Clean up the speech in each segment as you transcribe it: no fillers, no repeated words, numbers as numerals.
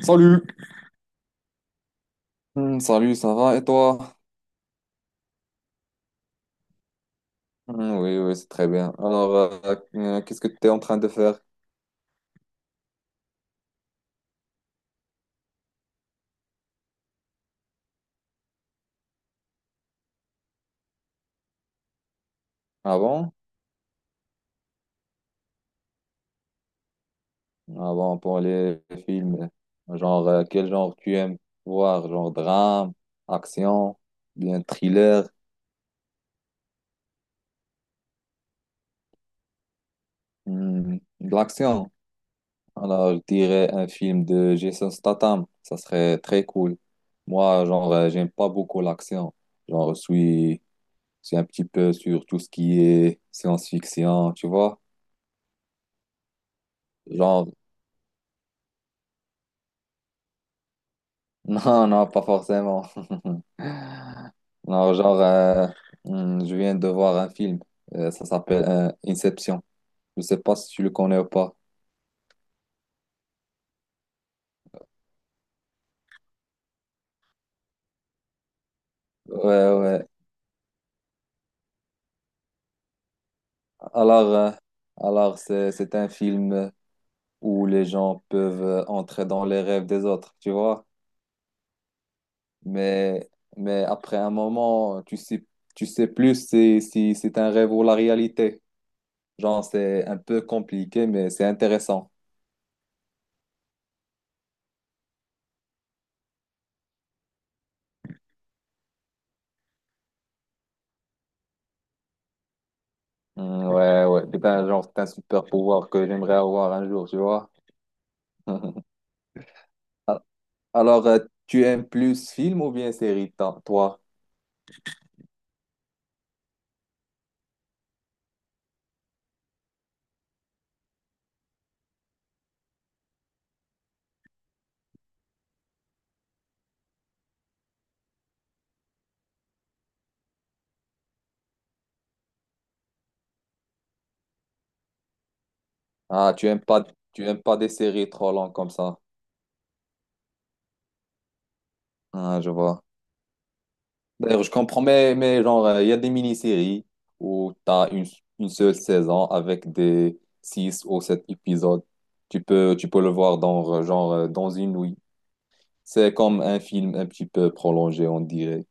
Salut. Salut, ça va et toi? Oui, oui, c'est très bien. Alors, qu'est-ce que tu es en train de faire avant? Avant pour les films, genre quel genre tu aimes voir? Genre drame, action, bien thriller. De l'action. Alors, je dirais un film de Jason Statham, ça serait très cool. Moi, genre, j'aime pas beaucoup l'action. Genre, je suis, je suis un petit peu sur tout ce qui est science-fiction, tu vois? Genre, non, non, pas forcément. Non, genre, je viens de voir un film. Ça s'appelle Inception. Je sais pas si tu le connais ou pas. Ouais, ouais. Alors, euh, alors c'est un film où les gens peuvent entrer dans les rêves des autres, tu vois. Mais, mais après un moment, tu sais plus si c'est un rêve ou la réalité. Genre, c'est un peu compliqué, mais c'est intéressant. Ouais, ouais. C'est un genre, c'est un super pouvoir que j'aimerais avoir un jour, tu vois. Al- Alors, tu aimes plus film ou bien série, toi? Ah, tu aimes pas des séries trop longues comme ça. Ah, je vois. D'ailleurs, je comprends, mais genre, il y a des mini-séries où tu as une seule saison avec des 6 ou 7 épisodes. Tu peux le voir dans, dans une nuit. C'est comme un film un petit peu prolongé, on dirait.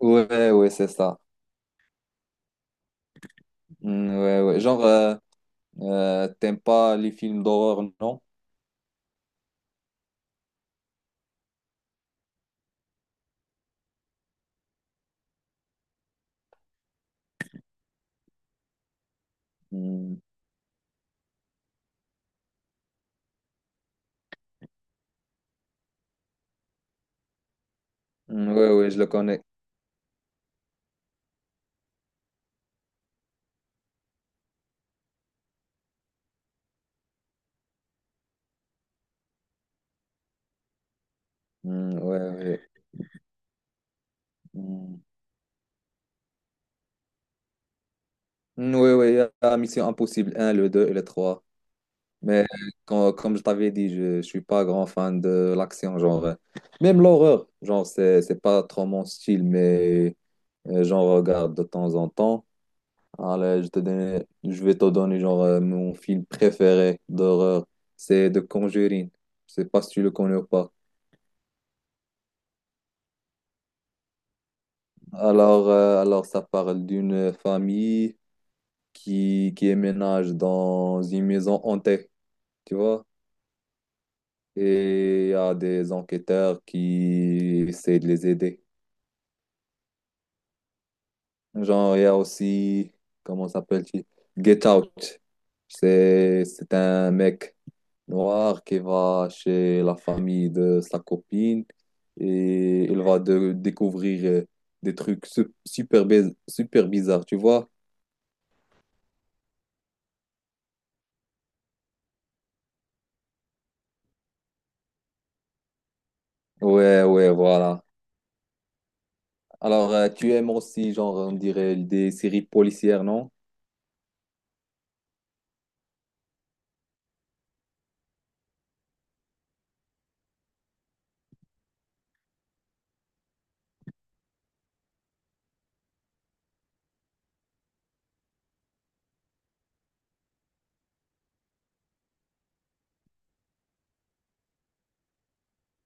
Ouais, ouais, c'est ça. Ouais, ouais. Genre, t'aimes pas les films d'horreur, non? Mm, ouais, ouais, je le connais. Ouais, ouais. Mm. Ouais, ouais, il y a Mission Impossible un le 2 et le trois. Mais comme je t'avais dit, je ne suis pas grand fan de l'action, genre. Même l'horreur, genre, c'est pas trop mon style, mais j'en regarde de temps en temps. Allez, je vais te donner, genre, mon film préféré d'horreur, c'est The Conjuring. Je sais pas si tu le connais ou pas. Alors ça parle d'une famille qui emménage dans une maison hantée, tu vois? Et il y a des enquêteurs qui essaient de les aider. Genre, il y a aussi, comment s'appelle-t-il? Get Out. C'est un mec noir qui va chez la famille de sa copine et il va découvrir des trucs super, super bizarres, tu vois? Ouais, ouais, voilà. Alors, tu aimes aussi, genre, on dirait des séries policières, non?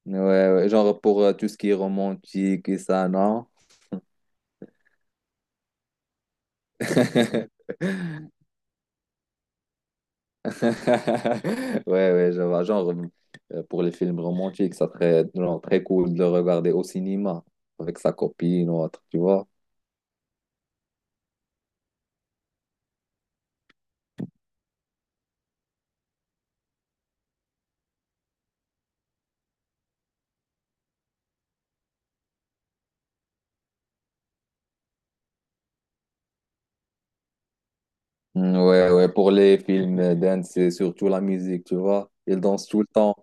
Ouais, ouais, genre pour tout ce qui est romantique et ça, non? Ouais, ouais, je vois. Genre, pour les films romantiques, ça serait genre très cool de le regarder au cinéma avec sa copine ou autre, tu vois. Ouais, ouais, pour les films dance, c'est surtout la musique, tu vois. Ils dansent tout le temps.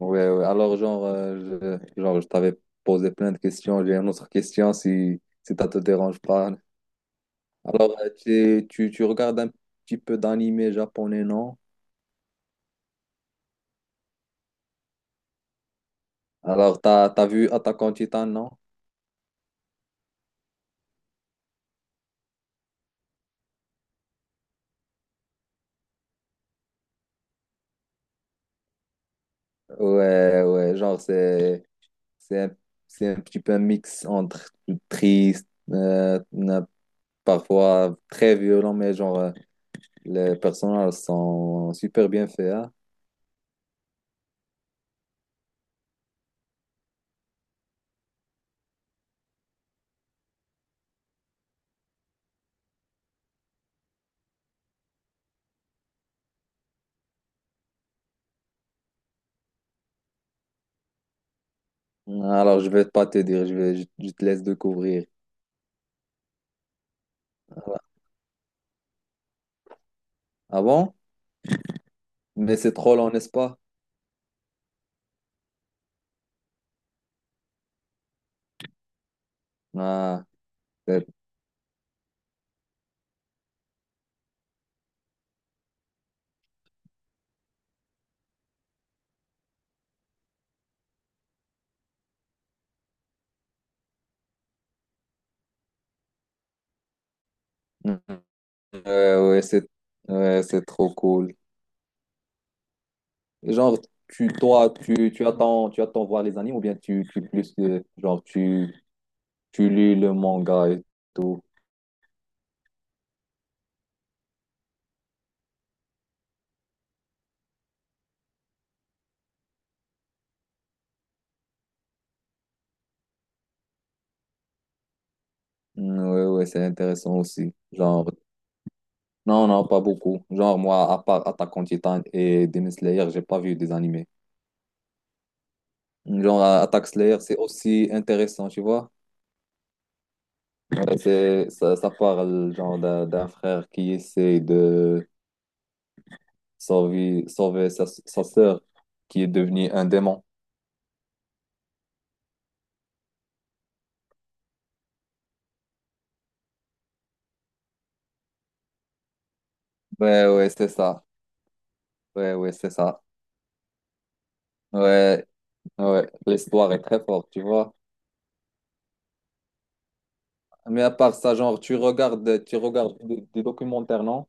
Ouais, ouais. Alors, genre, genre, je t'avais posé plein de questions. J'ai une autre question si ça te dérange pas. Alors, tu regardes un petit peu d'animé japonais, non? Alors, t'as vu Attack on Titan, non? Ouais, ouais, genre, c'est un, c'est un petit peu un mix entre triste, parfois très violent, mais genre, les personnages sont super bien faits, hein. Alors, je vais pas te dire, je te laisse découvrir. Ah bon? Mais c'est trop long, n'est-ce pas? Ah, c'est- ouais, ouais, ouais, c'est trop cool. Genre, toi, tu attends voir les animes ou bien tu plus, genre, tu tu lis le manga et tout. Ouais, ouais, c'est intéressant aussi. Genre, non, non, pas beaucoup. Genre, moi, à part Attack on Titan et Demon Slayer, j'ai pas vu des animés. Genre, Attack Slayer, c'est aussi intéressant, tu vois. Ouais, c'est, ça parle, genre, d'un frère qui essaie de sauver, sauver sa sœur qui est devenue un démon. Ouais, ouais, c'est ça. Ouais, ouais, c'est ça. Ouais, ouais, l'histoire est très forte, tu vois. Mais à part ça, genre, tu regardes des documentaires, non?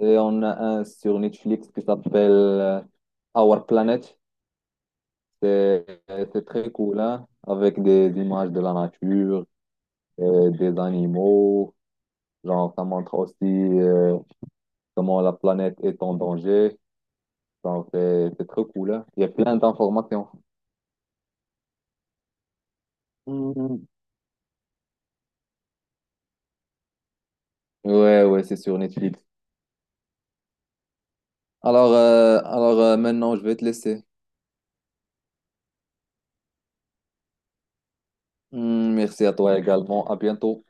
Et on a un sur Netflix qui s'appelle Our Planet. C'est très cool, hein? Avec des images de la nature, des animaux. Genre, ça montre aussi comment la planète est en danger. Genre, c'est très cool, hein? Il y a plein d'informations. Mhm. Ouais, ouais, c'est sur Netflix. Alors, maintenant, je vais te laisser. Merci à toi également. À bientôt.